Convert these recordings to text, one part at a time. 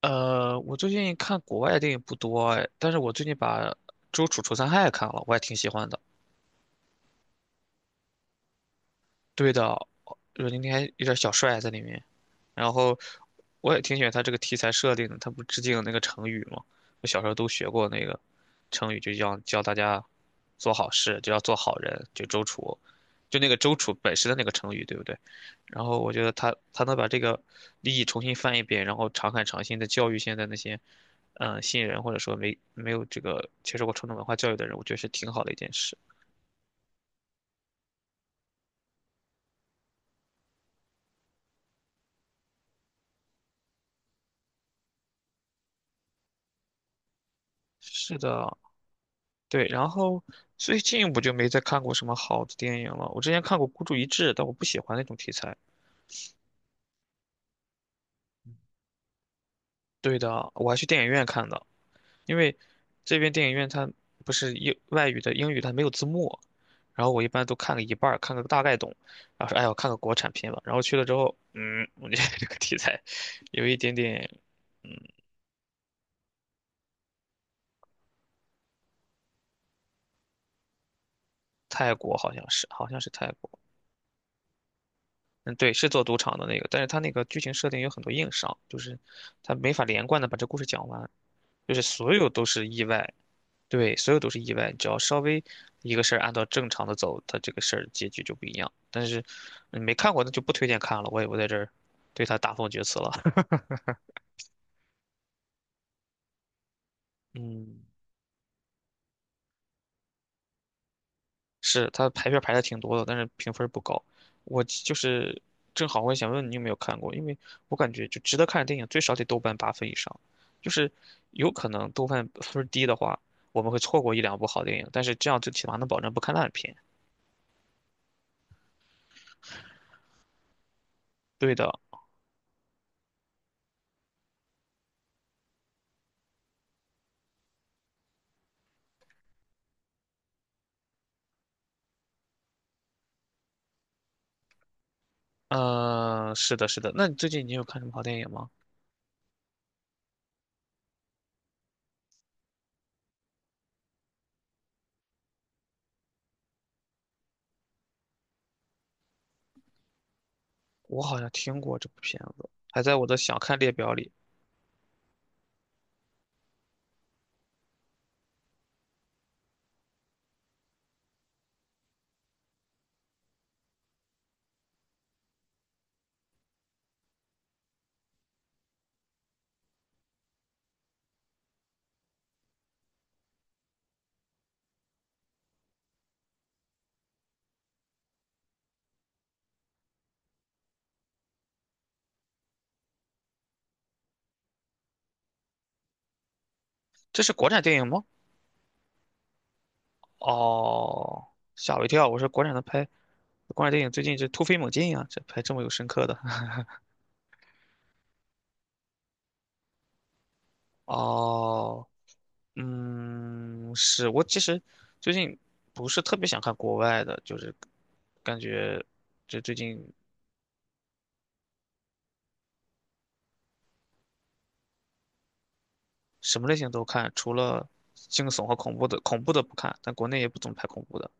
我最近看国外的电影不多哎，但是我最近把《周处除三害》看了，我也挺喜欢的。对的，就是今还有点小帅在里面。然后我也挺喜欢他这个题材设定的，他不致敬那个成语吗？我小时候都学过那个成语，就叫教大家做好事，就要做好人，就周楚，就那个周楚本身的那个成语，对不对？然后我觉得他能把这个利益重新翻一遍，然后常看常新的教育现在那些新人或者说没有这个接受过传统文化教育的人，我觉得是挺好的一件事。是的，对，然后最近我就没再看过什么好的电影了。我之前看过《孤注一掷》，但我不喜欢那种题材。对的，我还去电影院看的，因为这边电影院它不是英外语的英语，它没有字幕。然后我一般都看个一半儿，看个大概懂，然后说哎呀，我看个国产片吧。然后去了之后，我觉得 这个题材 有一点点。嗯，泰国好像是，好像是泰国，嗯，对，是做赌场的那个，但是它那个剧情设定有很多硬伤，就是它没法连贯的把这故事讲完。就是所有都是意外，对，所有都是意外。只要稍微一个事儿按照正常的走，它这个事儿结局就不一样。但是你没看过，那就不推荐看了。我也不在这儿对它大放厥词了。嗯，是，它排片排的挺多的，但是评分不高。我就是正好我也想问你有没有看过，因为我感觉就值得看的电影最少得豆瓣8分以上，就是有可能豆瓣分儿低的话，我们会错过一两部好电影，但是这样最起码能保证不看烂片。对的，嗯，是的，是的。那你最近有看什么好电影吗？我好像听过这部片子，还在我的想看列表里。这是国产电影吗？哦，吓我一跳！我说国产电影最近是突飞猛进呀、这拍这么有深刻的。哦，是我其实最近不是特别想看国外的，就是感觉这最近什么类型都看，除了惊悚和恐怖的，恐怖的不看，但国内也不怎么拍恐怖的。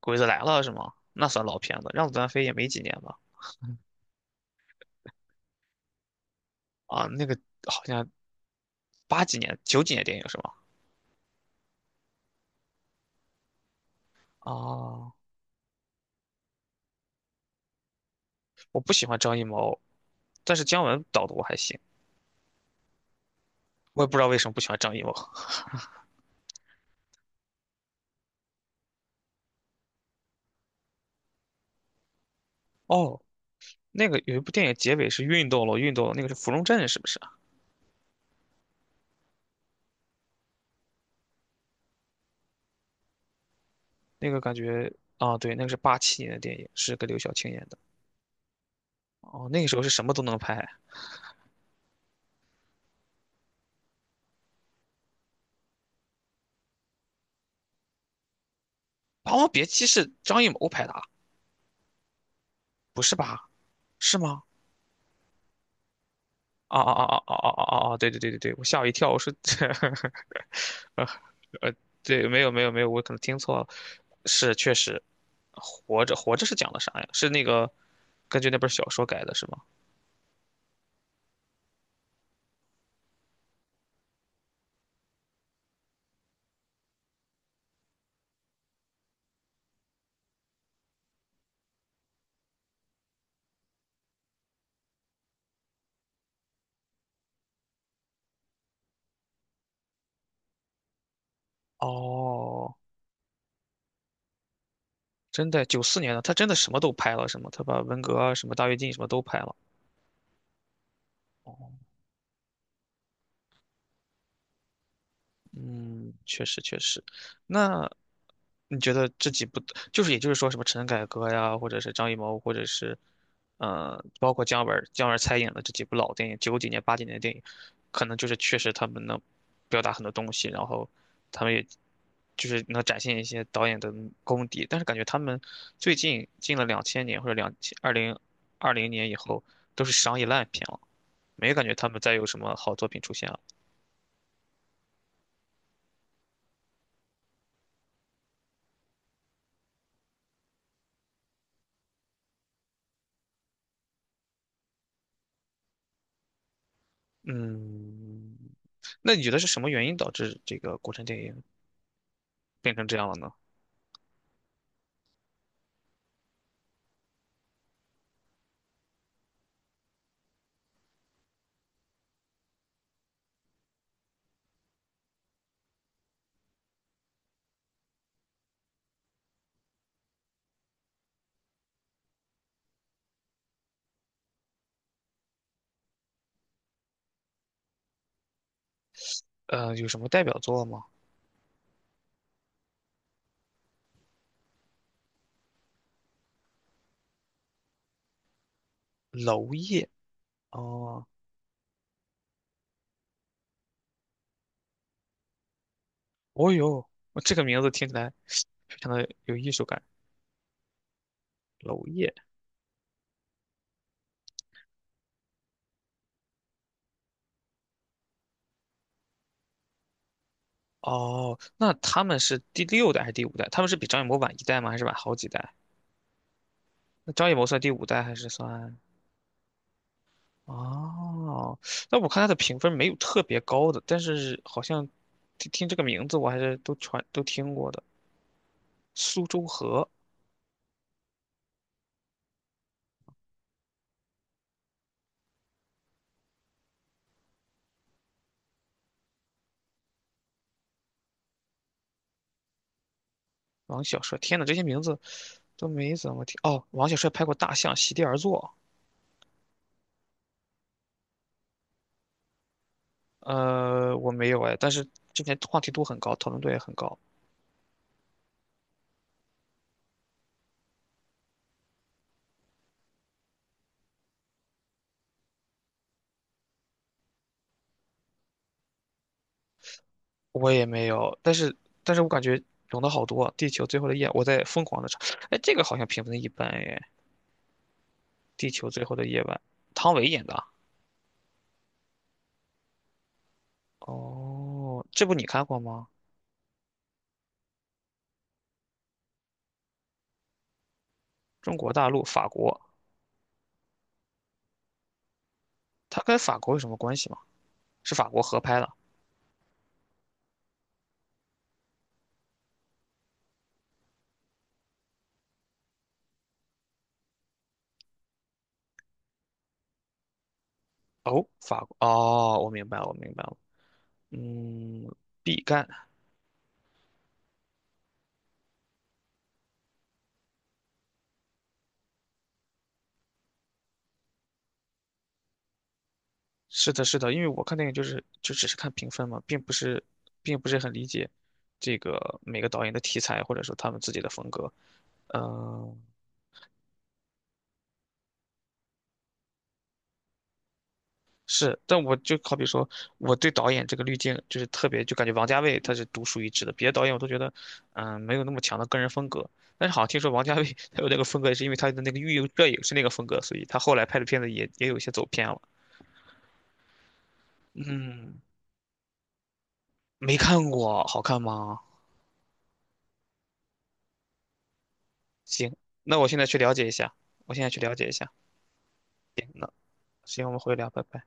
鬼子来了》是吗？那算老片子，《让子弹飞》也没几年吧？啊，那个好像八几年、九几年电影是吗？啊，我不喜欢张艺谋，但是姜文导的我还行，我也不知道为什么不喜欢张艺谋。哦，那个有一部电影结尾是运动了，运动了，那个是《芙蓉镇》是不是啊？那个感觉啊，对，那个是87年的电影，是跟刘晓庆演的。哦，那个时候是什么都能拍，《霸王别姬》是张艺谋拍的啊？不是吧？是吗？啊啊啊啊啊啊啊啊！对对对对对，我吓我一跳，我说，呃，对，没有没有没有，我可能听错了，是确实，活着是讲的啥呀？是那个根据那本小说改的是吗？哦，真的，94年的，他真的什么都拍了，是吗？他把文革啊、什么大跃进什么都拍了。哦嗯，确实确实。那你觉得这几部，就是也就是说什么陈凯歌呀，或者是张艺谋，或者是包括姜文儿参演的这几部老电影，九几年、八几年的电影，可能就是确实他们能表达很多东西，然后他们也就是能展现一些导演的功底。但是感觉他们最近近了2000年或者2020年以后，都是商业烂片了，没感觉他们再有什么好作品出现了。嗯，那你觉得是什么原因导致这个国产电影变成这样了呢？有什么代表作吗？娄烨哦，哦哟，这个名字听起来非常的有艺术感。娄烨哦，那他们是第六代还是第五代？他们是比张艺谋晚一代吗？还是晚好几代？那张艺谋算第五代还是算？哦，那我看他的评分没有特别高的，但是好像听这个名字我还是都传都听过的。苏州河王小帅，天呐，这些名字都没怎么听。哦，王小帅拍过《大象席地而坐》，我没有哎，但是之前话题度很高，讨论度也很高，我也没有。但是我感觉懂得好多，《地球最后的夜》，我在疯狂的查。哎，这个好像评分一般哎，《地球最后的夜晚》，汤唯演的啊哦，这部你看过吗？中国大陆、法国，它跟法国有什么关系吗？是法国合拍的。哦，法国哦，我明白了，我明白了。嗯，毕赣。是的，是的，因为我看电影就只是看评分嘛，并不是很理解这个每个导演的题材或者说他们自己的风格。嗯，是，但我就好比说，我对导演这个滤镜就是特别，就感觉王家卫他是独树一帜的，别的导演我都觉得，没有那么强的个人风格。但是好像听说王家卫 他有那个风格，是因为他的那个御用摄影是那个风格，所以他后来拍的片子也有一些走偏了。嗯，没看过，好看吗？行，那我现在去了解一下，我现在去了解一下。了。那行，我们回聊，拜拜。